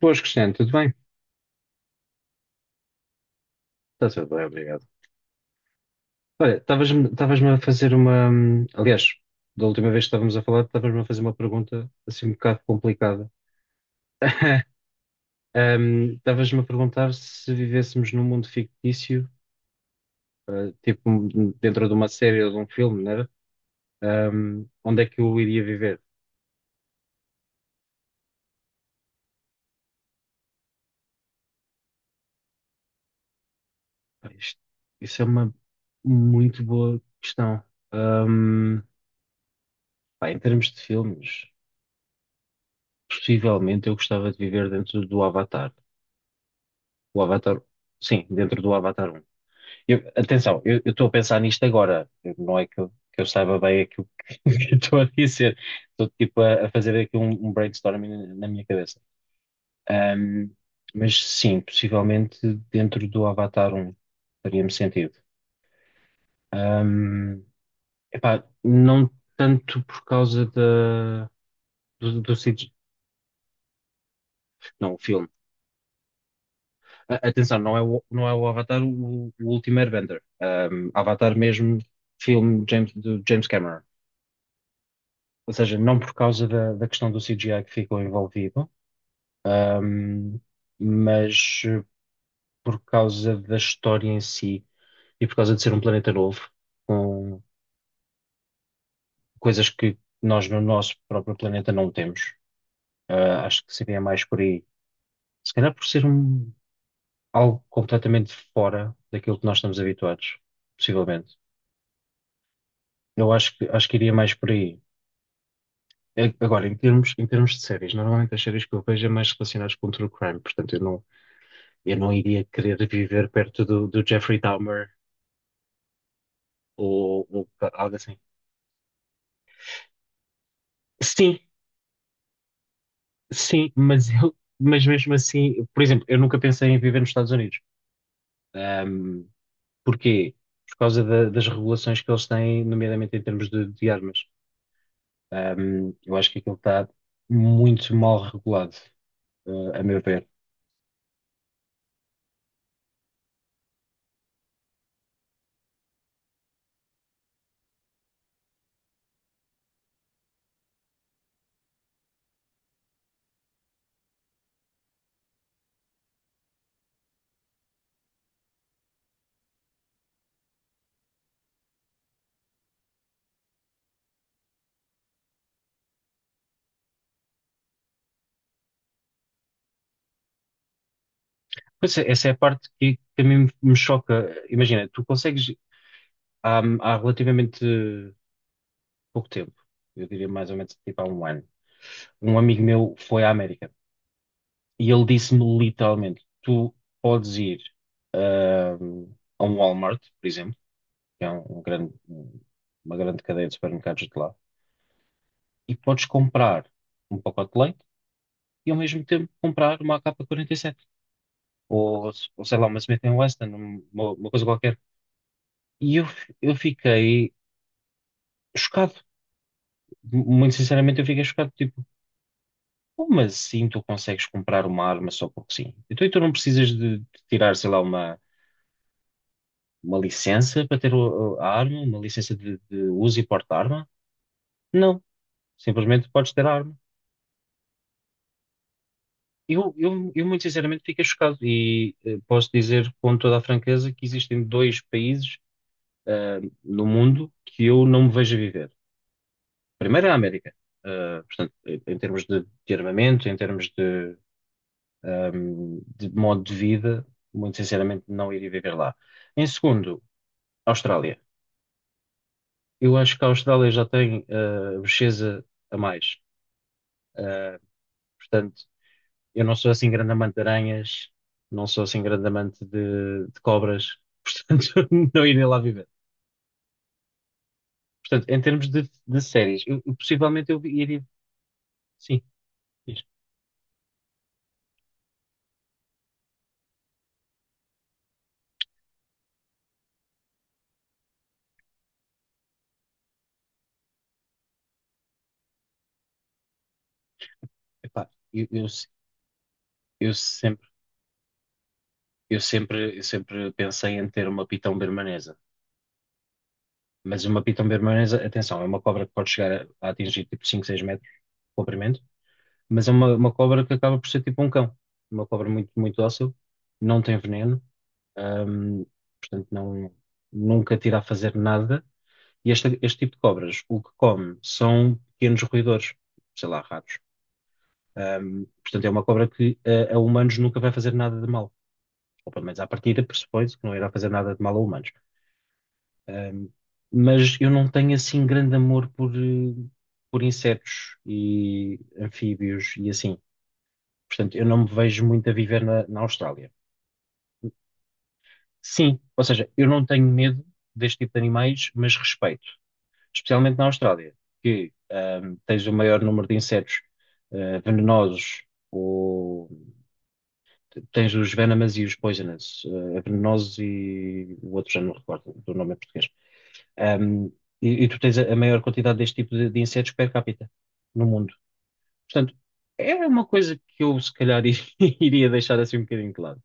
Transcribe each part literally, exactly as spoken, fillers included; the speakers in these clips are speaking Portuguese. Boas, Cristiano, tudo bem? Está tudo bem, obrigado. Olha, estavas-me estavas-me a fazer uma. Hum, Aliás, da última vez que estávamos a falar, estavas-me a fazer uma pergunta assim um bocado complicada. Hum, Estavas-me a perguntar se vivêssemos num mundo fictício, tipo um- dentro de uma série ou de um filme, não era? Hum, onde é que eu iria viver? Pá, isto- isso é uma muito boa questão. Hum, Pá, em termos de filmes, possivelmente eu gostava de viver dentro do Avatar. O Avatar, sim, dentro do Avatar um Eu- atenção, eu eu estou a pensar nisto agora. Eu- Não é que eu, que eu saiba bem aquilo que que eu estou a dizer. Estou tipo a, a fazer aqui um, um brainstorming na na minha cabeça. Ahm, mas sim, possivelmente dentro do Avatar um faria-me sentido. Ahm, Epá, não tanto por causa da, do, do C G, não, o filme. A- Atenção, não é o, não é o Avatar o, o último Airbender. Um, Avatar mesmo, filme James, do James Cameron. Ou seja, não por causa da, da questão do C G I que ficou envolvido, um, mas eh, por causa da história em si e por causa de ser um planeta novo, com coisas que nós no nosso próprio planeta não temos. Ah, acho que seria mais por aí. Se calhar por ser um, algo completamente fora daquilo que nós estamos habituados, possivelmente. Eu acho que, acho que iria mais por aí. É- Agora, em termos, em termos de séries, normalmente as séries que eu vejo é mais relacionadas com true crime, portanto eu não, eu não iria querer viver perto do, do Jeffrey Dahmer ou, ou algo assim. Sim, sim, mas eu, mas mesmo assim, por exemplo, eu nunca pensei em viver nos Estados Unidos. Ahm, Porquê? Por causa da- das regulações que eles têm, nomeadamente em termos de, de armas. Ahm, eu acho que aquilo está muito mal regulado, eh, a meu ver. Pois é, essa é a parte que, que a mim me choca. Imagina, tu consegues há, há relativamente pouco tempo, eu diria mais ou menos tipo há um ano, um amigo meu foi à América e ele disse-me literalmente: tu podes ir ahm, a um Walmart, por exemplo, que é um, um grande, um, uma grande cadeia de supermercados de lá, e podes comprar um pacote de leite e ao mesmo tempo comprar uma A K quarenta e sete ou, ou sei lá, uma Smith and Wesson, um, uma, uma coisa qualquer. E eu, eu fiquei chocado. Muito sinceramente, eu fiquei chocado. Tipo, como assim tu consegues comprar uma arma só porque sim? Então, e tu não precisas de, de tirar, sei lá, uma, uma licença para ter o- a arma, uma licença de, de uso e porte de arma? Não. Simplesmente podes ter a arma. Eu, eu, eu muito sinceramente, fiquei chocado. E eh, posso dizer com toda a franqueza que existem dois países ah, no mundo que eu não me vejo a viver. Primeiro é a América. Ah, portanto, em em termos de de armamento, em termos de um, de modo de vida, muito sinceramente não iria viver lá. Em segundo, Austrália. Eu acho que a Austrália já tem uh, bocheza a mais. Uh, Portanto, eu não sou assim grande amante de aranhas, não sou assim grande amante de, de cobras, portanto, não iria lá viver. Portanto, em termos de, de séries, eu, eu possivelmente eu iria. Sim, diz. Epá, eu, eu, eu sempre, eu sempre, eu sempre pensei em ter uma pitão bermanesa. Mas uma piton bermanesa, atenção, é uma cobra que pode chegar a, a atingir tipo cinco seis metros de comprimento, mas é uma, uma cobra que acaba por ser tipo um cão. Uma cobra muito, muito dócil, não tem veneno, hum, portanto não, nunca tira a fazer nada. E este, este tipo de cobras, o que come são pequenos roedores, sei lá, ratos. Hum, portanto é uma cobra que a, a humanos nunca vai fazer nada de mal. Ou pelo menos à partida pressupõe-se que não irá fazer nada de mal a humanos. Ahm, mas eu não tenho assim grande amor por, eh, por insetos e anfíbios e assim. Portanto, eu não me vejo muito a viver na, na Austrália. Sim, ou seja, eu não tenho medo deste tipo de animais, mas respeito, especialmente na Austrália, que ahm, tens o maior número de insetos eh, venenosos, ou tens os venomous e os poisonous, eh, venenosos e o outro já não me recordo do nome em português. Um, e, e tu tens a, a maior quantidade deste tipo de, de insetos per capita no mundo. Portanto, é uma coisa que eu se calhar iria deixar assim um bocadinho de lado.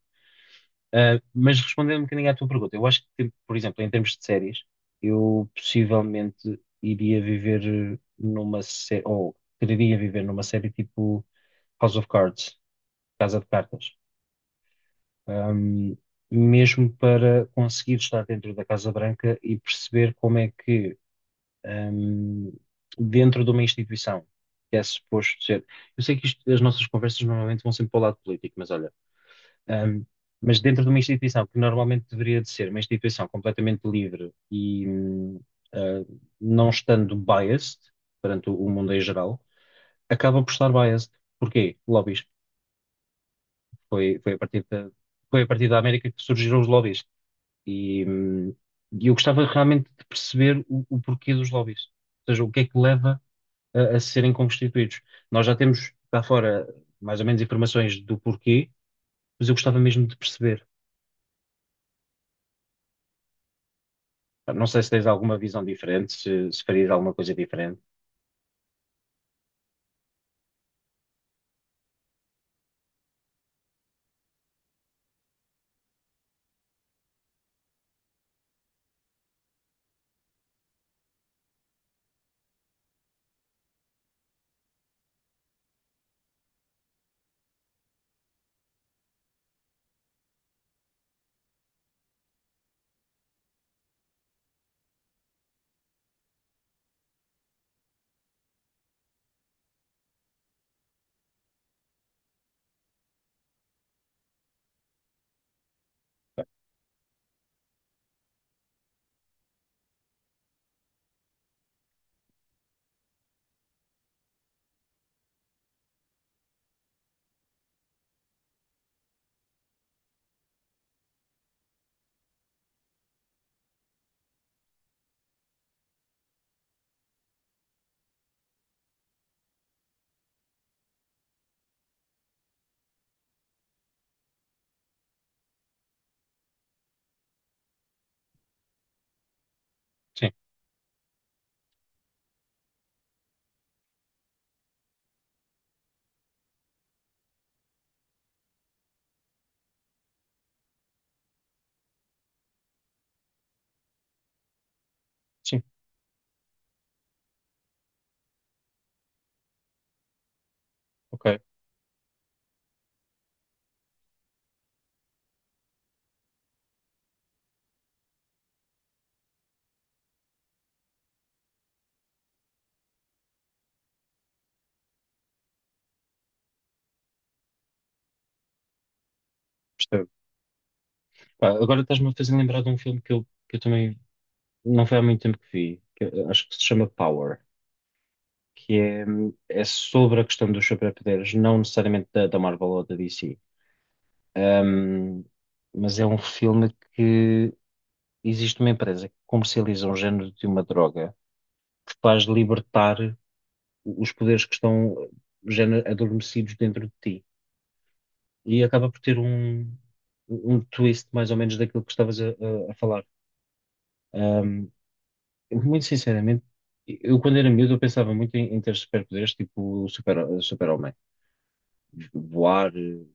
Uh, mas respondendo um bocadinho à tua pergunta, eu acho que, por exemplo, em termos de séries, eu possivelmente iria viver numa série, ou quereria viver numa série tipo House of Cards, Casa de Cartas. Um, Mesmo para conseguir estar dentro da Casa Branca e perceber como é que hum, dentro de uma instituição, que é suposto ser. Eu sei que isto- as nossas conversas normalmente vão sempre para o lado político, mas olha, hum, mas dentro de uma instituição que normalmente deveria de ser uma instituição completamente livre e hum, ah, não estando biased perante o o mundo em geral, acaba por estar biased. Porquê? Lobbies. Foi, foi a partir da, foi a partir da América que surgiram os lobbies. E, hum, e eu gostava realmente de perceber o, o porquê dos lobbies. Ou seja, o que é que leva a, a serem constituídos. Nós já temos cá fora mais ou menos informações do porquê, mas eu gostava mesmo de perceber. Não sei se tens alguma visão diferente, se, se farias alguma coisa diferente. Sim, sim, ok, percebo. Pá, agora estás-me a fazer lembrar de um filme que eu, que eu também não foi há muito tempo que vi, que eu acho que se chama Power, que é, é sobre a questão dos superpoderes, não necessariamente da, da Marvel ou da D C. Ahm, mas é um filme que existe uma empresa que comercializa um género de uma droga faz libertar os poderes que estão já na- adormecidos dentro de ti. E acaba por ter um, um twist mais ou menos daquilo que estavas a, a- a falar. Ahm, Muito sinceramente, eu quando era miúdo eu pensava muito em, em ter superpoderes, tipo o super, super-homem. Voar, eh,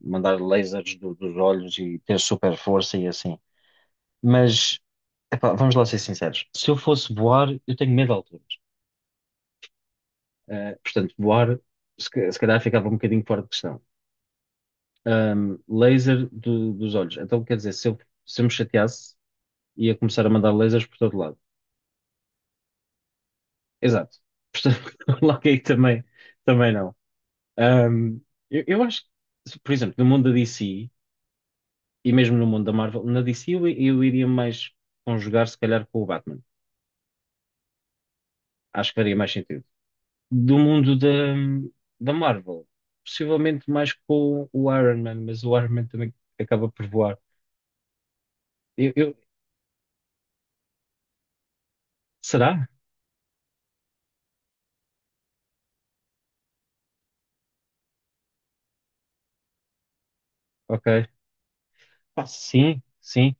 mandar lasers do- dos olhos e ter super força e assim. Mas, epá, vamos lá ser sinceros. Se eu fosse voar, eu tenho medo de alturas. Eh, portanto, voar, se, ca- se calhar ficava um bocadinho fora de questão. Ahm, laser do- dos olhos. Então, quer dizer, se eu, se eu me chateasse, ia começar a mandar lasers por todo lado. Exato. Portanto, logo aí também, também não. Ahm, eu, eu acho que, por exemplo, no mundo da D C e mesmo no mundo da Marvel, na D C eu, eu iria mais conjugar, se calhar, com o Batman. Acho que faria mais sentido. Do mundo da, da Marvel, possivelmente mais com o Iron Man, mas o Iron Man também acaba por voar. Eu, eu- Será? Ok. Ah, sim, sim.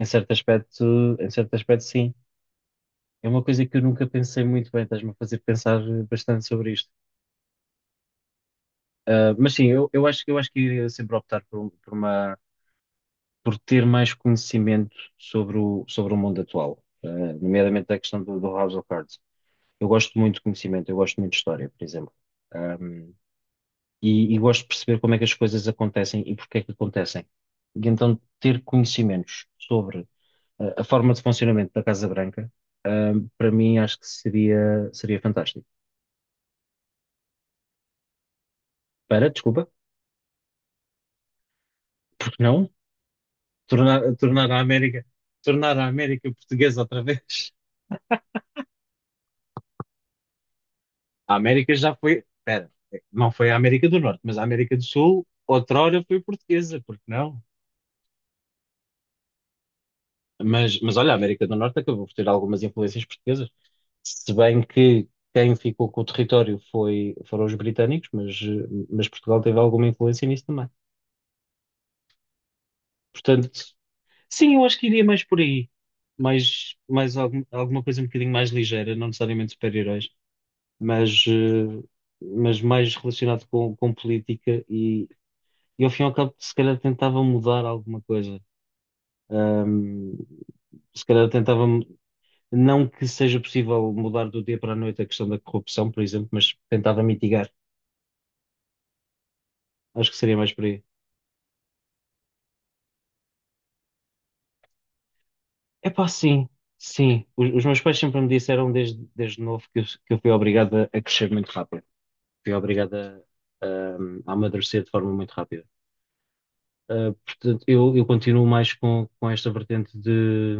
Em certo aspecto, em certo aspecto, sim. É uma coisa que eu nunca pensei muito bem, estás-me a fazer pensar bastante sobre isto. Ah, mas sim, eu, eu acho, eu acho que iria sempre optar por, um- por uma, por ter mais conhecimento sobre o, sobre o mundo atual, ah, nomeadamente a questão do, do House of Cards. Eu gosto muito de conhecimento, eu gosto muito de história, por exemplo. Ahm, e, e gosto de perceber como é que as coisas acontecem e porque é que acontecem. E então ter conhecimentos sobre a a forma de funcionamento da Casa Branca, ahm, para mim acho que seria, seria fantástico. Para, desculpa, porque não? Tornar, tornar a América, tornar a América portuguesa outra vez. A América já foi, espera, não foi a América do Norte, mas a América do Sul, outrora foi portuguesa, porque não? Mas, mas olha, a América do Norte acabou por ter algumas influências portuguesas, se bem que quem ficou com o território foi, foram os britânicos, mas, eh, mas Portugal teve alguma influência nisso também. Portanto, sim, eu acho que iria mais por aí. Mais, mais algum- alguma coisa um bocadinho mais ligeira, não necessariamente super-heróis, mas, eh, mas mais relacionado com, com política e, e ao fim e ao cabo se calhar tentava mudar alguma coisa. Ahm, Se calhar tentava, não que seja possível mudar do dia para a noite a questão da corrupção, por exemplo, mas tentava mitigar. Acho que seria mais por aí. Epá, sim, sim. Os, os meus pais sempre me disseram desde, desde novo que eu, que eu fui obrigado a a crescer muito rápido. Fui obrigada a, a amadurecer de forma muito rápida. Uh, portanto, eu, eu continuo mais com, com esta vertente de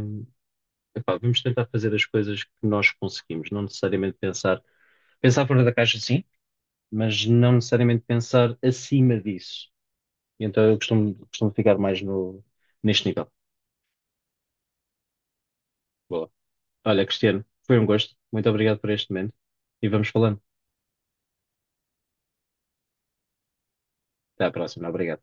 epá, vamos tentar fazer as coisas que nós conseguimos, não necessariamente pensar, pensar fora da caixa, sim, mas não necessariamente pensar acima disso. E então eu costumo, costumo ficar mais no, neste nível. Boa. Olha, Cristiano, foi um gosto. Muito obrigado por este momento e vamos falando. Até à próxima. Obrigado.